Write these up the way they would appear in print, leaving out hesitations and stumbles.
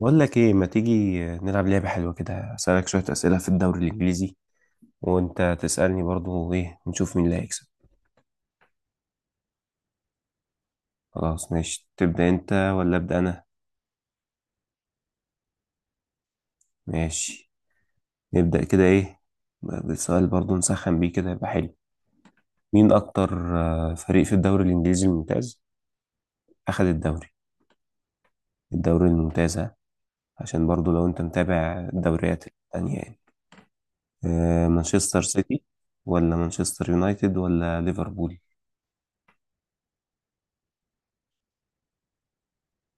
بقول لك ايه ما تيجي نلعب لعبة حلوة كده اسألك شوية أسئلة في الدوري الإنجليزي، وانت تسألني برضو ايه ونشوف مين اللي هيكسب. خلاص ماشي، تبدأ انت ولا أبدأ انا؟ ماشي نبدأ كده ايه، بسؤال برضو نسخن بيه كده يبقى حلو. مين اكتر فريق في الدوري الإنجليزي الممتاز أخد الدوري، الدوري الممتاز ها؟ عشان برضو لو انت متابع الدوريات التانية يعني. مانشستر سيتي ولا مانشستر يونايتد ولا ليفربول؟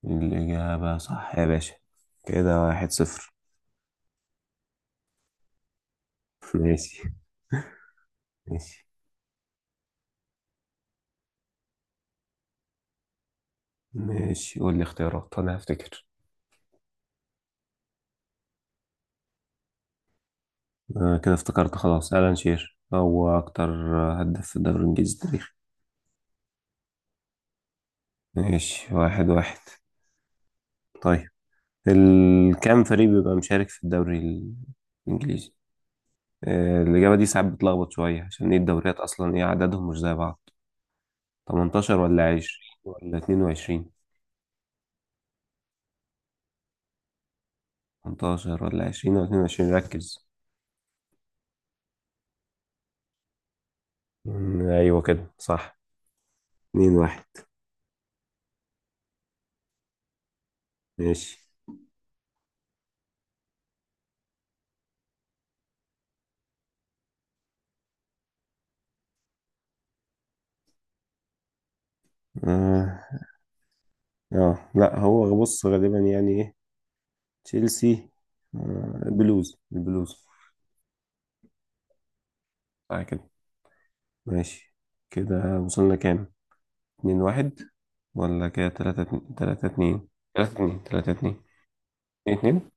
الإجابة صح يا باشا، كده واحد صفر. ماشي ماشي. ماشي قول لي اختيارات أنا هفتكر. آه كده افتكرت، خلاص ألان شير هو أكتر هداف في الدوري الإنجليزي التاريخي. ماشي واحد واحد. طيب، كام فريق بيبقى مشارك في الدوري الإنجليزي؟ آه الإجابة دي ساعات بتلخبط شوية عشان إيه، الدوريات أصلا إيه عددهم مش زي بعض. 18 ولا 20 ولا 22، 18 ولا 20 ولا 22، ركز. أيوة كده صح. اتنين واحد. ماشي. اه. لا، هو بص غالبا يعني ايه، تشيلسي، آه البلوز. صح كده، ماشي. كده وصلنا كام، اتنين واحد ولا كده تلاتة اتنين تلاتة اتنين تلاتة اتنين. اتنين اتنين.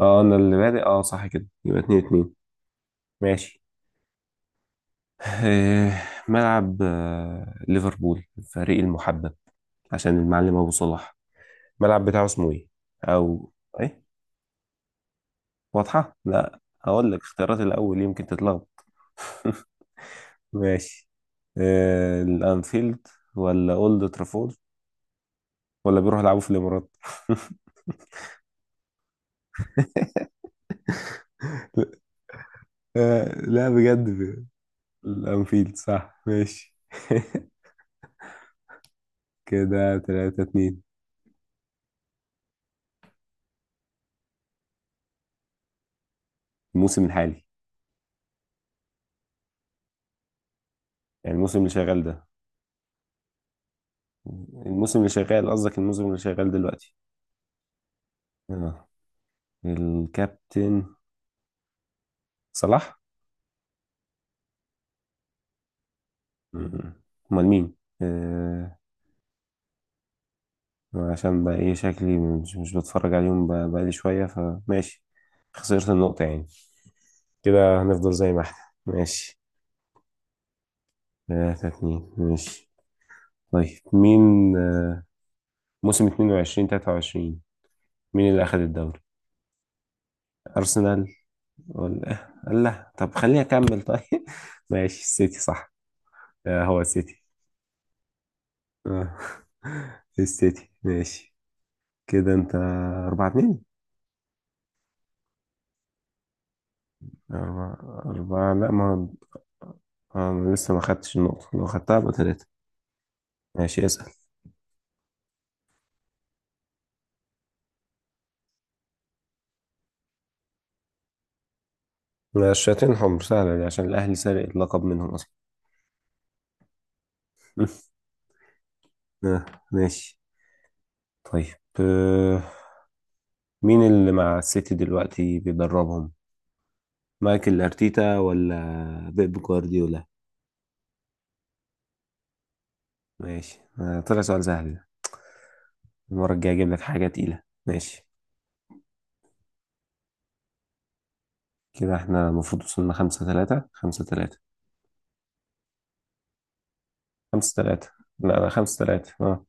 اه انا اللي بادئ، اه صح كده يبقى اتنين اتنين. ماشي. آه، ملعب، ليفربول الفريق المحبب عشان المعلم ابو صلاح، الملعب بتاعه اسمه ايه؟ او ايه، واضحة؟ لا هقول لك اختيارات الأول يمكن تتلخبط. ماشي. الأنفيلد ولا أولد ترافورد ولا بيروحوا يلعبوا في الإمارات؟ لا بجد، الأنفيلد صح، ماشي. كده تلاتة اتنين. الموسم الحالي، يعني الموسم اللي شغال ده، الموسم اللي شغال قصدك، الموسم اللي شغال دلوقتي. آه. الكابتن صلاح. مم. أمال مين؟ آه، عشان بقى ايه، شكلي مش بتفرج عليهم بقالي شوية، فماشي، خسرت النقطة يعني. كده هنفضل زي ما احنا. ماشي. تلاتة اتنين ماشي. طيب مين، آه، موسم اتنين وعشرين تلاتة وعشرين مين اللي أخد الدوري؟ أرسنال ولا، لا طب خليني أكمل طيب. ماشي السيتي صح. هو السيتي. آه. السيتي ماشي. كده أنت أربعة اتنين. أربعة أربعة، لا ما، أنا لسه ما خدتش النقطة، لو خدتها يبقى تلاتة. ماشي اسأل. لا، الشياطين حمر سهلة دي عشان الأهلي سرق اللقب منهم أصلا. آه، ماشي. طيب مين اللي مع السيتي دلوقتي بيدربهم، مايكل أرتيتا ولا بيب جوارديولا؟ ماشي، طلع سؤال سهل ده، المرة الجاية أجيب لك حاجة تقيلة، ماشي. كده احنا المفروض وصلنا خمسة تلاتة. لا لا خمسة تلاتة، اه.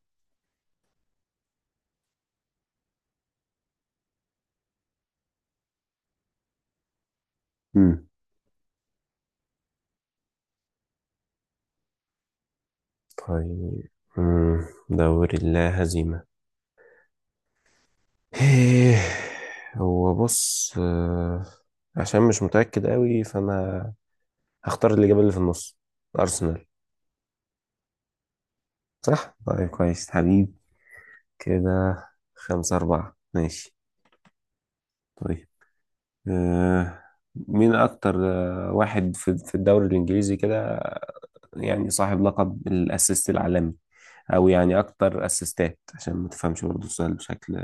مم. طيب. مم. دوري اللا هزيمة، إيه، هو بص، عشان مش متأكد قوي فأنا هختار الإجابة اللي في النص، أرسنال. صح؟ طيب كويس حبيب. كده خمسة أربعة ماشي. طيب آه، مين أكتر واحد في الدوري الإنجليزي كده، يعني صاحب لقب الأسيست العالمي، أو يعني أكتر أسيستات، عشان ما تفهمش برضه السؤال بشكل،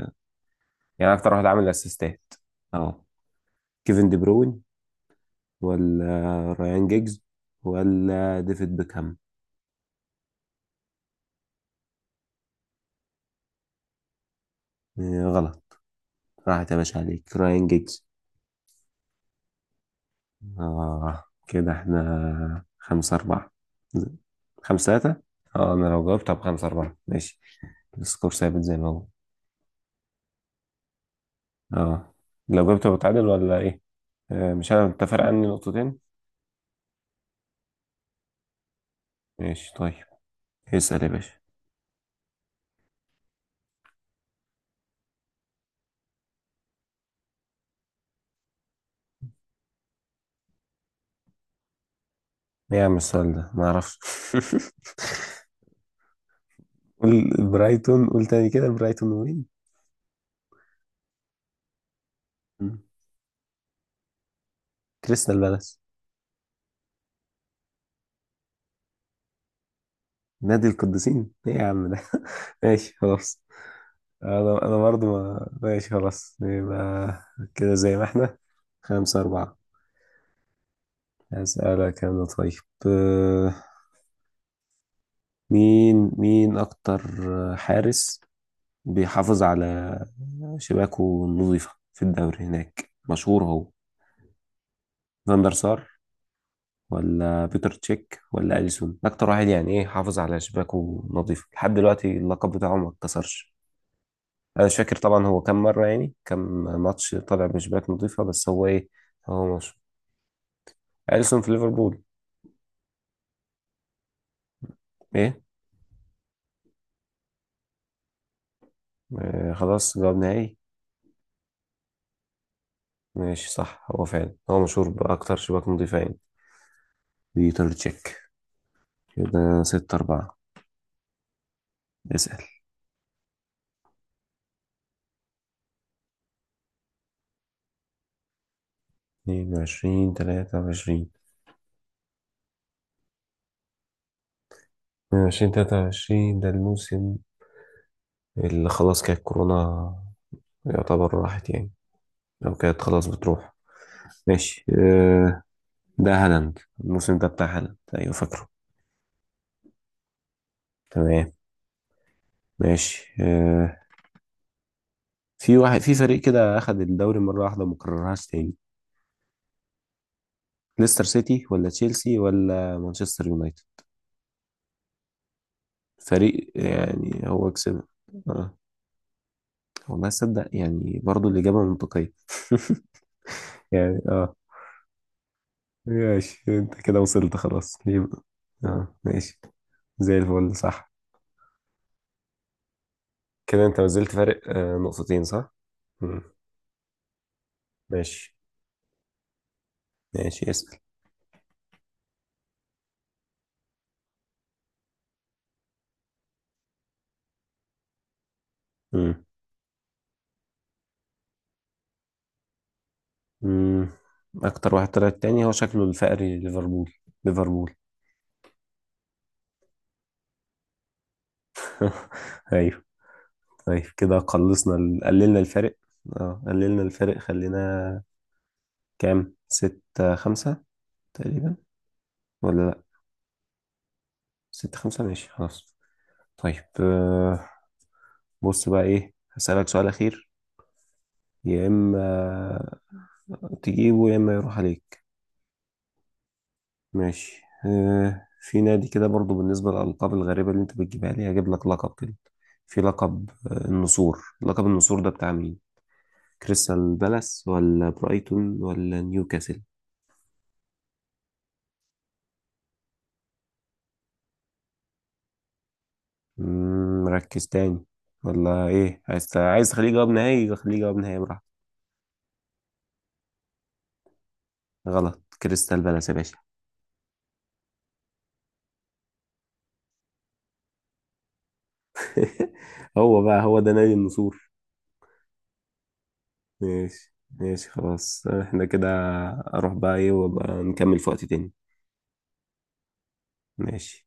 يعني أكتر واحد عامل أسيستات. أه، كيفن دي بروين ولا رايان جيجز ولا ديفيد بيكهام؟ إيه، غلط، راحت يا باشا عليك، رايان جيجز. آه كده احنا خمسة أربعة، خمسة ثلاثة، اه أنا لو جاوبت هبقى خمسة أربعة، ماشي السكور ثابت زي ما هو. اه لو جاوبت بتعادل ولا إيه؟ آه، مش أنا أنت فارق عني نقطتين. ماشي طيب، اسأل يا باشا. إيه يا عم السؤال ده، معرفش. قول برايتون، قول تاني كده، برايتون وين؟ مم. كريستال بالاس. نادي القديسين ايه يا عم ده! ماشي خلاص. انا برضه ما ماشي خلاص يبقى، كده زي ما احنا خمسة أربعة. هسألك أنا طيب. آه، مين أكتر حارس بيحافظ على شباكه النظيفة في الدوري، هناك مشهور هو، فاندر سار ولا بيتر تشيك ولا أليسون؟ أكتر واحد يعني إيه حافظ على شباكه نظيفة لحد دلوقتي، اللقب بتاعه ما اتكسرش. انا مش فاكر طبعا هو كم مره، يعني كم ماتش طالع بنسبات نظيفه، بس هو ايه. هو مش، اليسون في ليفربول، ايه، آه خلاص، جواب نهائي، ماشي. صح، هو فعلا هو مشهور باكتر شباك نظيفه يعني، بيتر تشيك. كده ستة أربعة، اسأل. اتنين وعشرين تلاتة وعشرين، اتنين وعشرين تلاتة وعشرين ده الموسم اللي خلاص كانت كورونا، يعتبر راحت يعني، أو كانت خلاص بتروح. ماشي، ده هالاند، الموسم ده بتاع هالاند، أيوة فاكره. تمام ماشي. في واحد في فريق كده اخد الدوري مره واحده وما كررهاش تاني، ليستر سيتي ولا تشيلسي ولا مانشستر يونايتد؟ فريق يعني هو كسبها، اه. والله صدق، يعني برضو الاجابه منطقيه. يعني اه، ماشي انت كده وصلت خلاص يبقى، اه ماشي زي الفل، صح. كده انت نزلت فارق نقطتين صح. مم. ماشي ماشي اسأل. مم. مم. اكتر واحد طلع التاني، هو شكله الفقري ليفربول، ليفربول. ايوه. طيب كده قلصنا قللنا الفارق. اه قللنا الفارق، خلينا كام، ستة خمسة تقريبا ولا لأ؟ ستة خمسة ماشي خلاص. طيب بص بقى إيه، هسألك سؤال أخير، يا إما تجيبه يا إما يروح عليك. ماشي، في نادي كده برضو، بالنسبة للألقاب الغريبة اللي أنت بتجيبها لي هجيب لك لقب كده، في لقب النسور، لقب النسور ده بتاع مين، كريستال بالاس ولا برايتون ولا نيوكاسل؟ مم، مركز تاني ولا ايه، عايز تخليه جواب نهائي، خليه جواب نهائي براحتك. غلط، كريستال بالاس يا باشا. هو بقى هو ده نادي النسور. ماشي ماشي خلاص، احنا كده اروح بقى ايه، وابقى نكمل في وقت تاني. ماشي.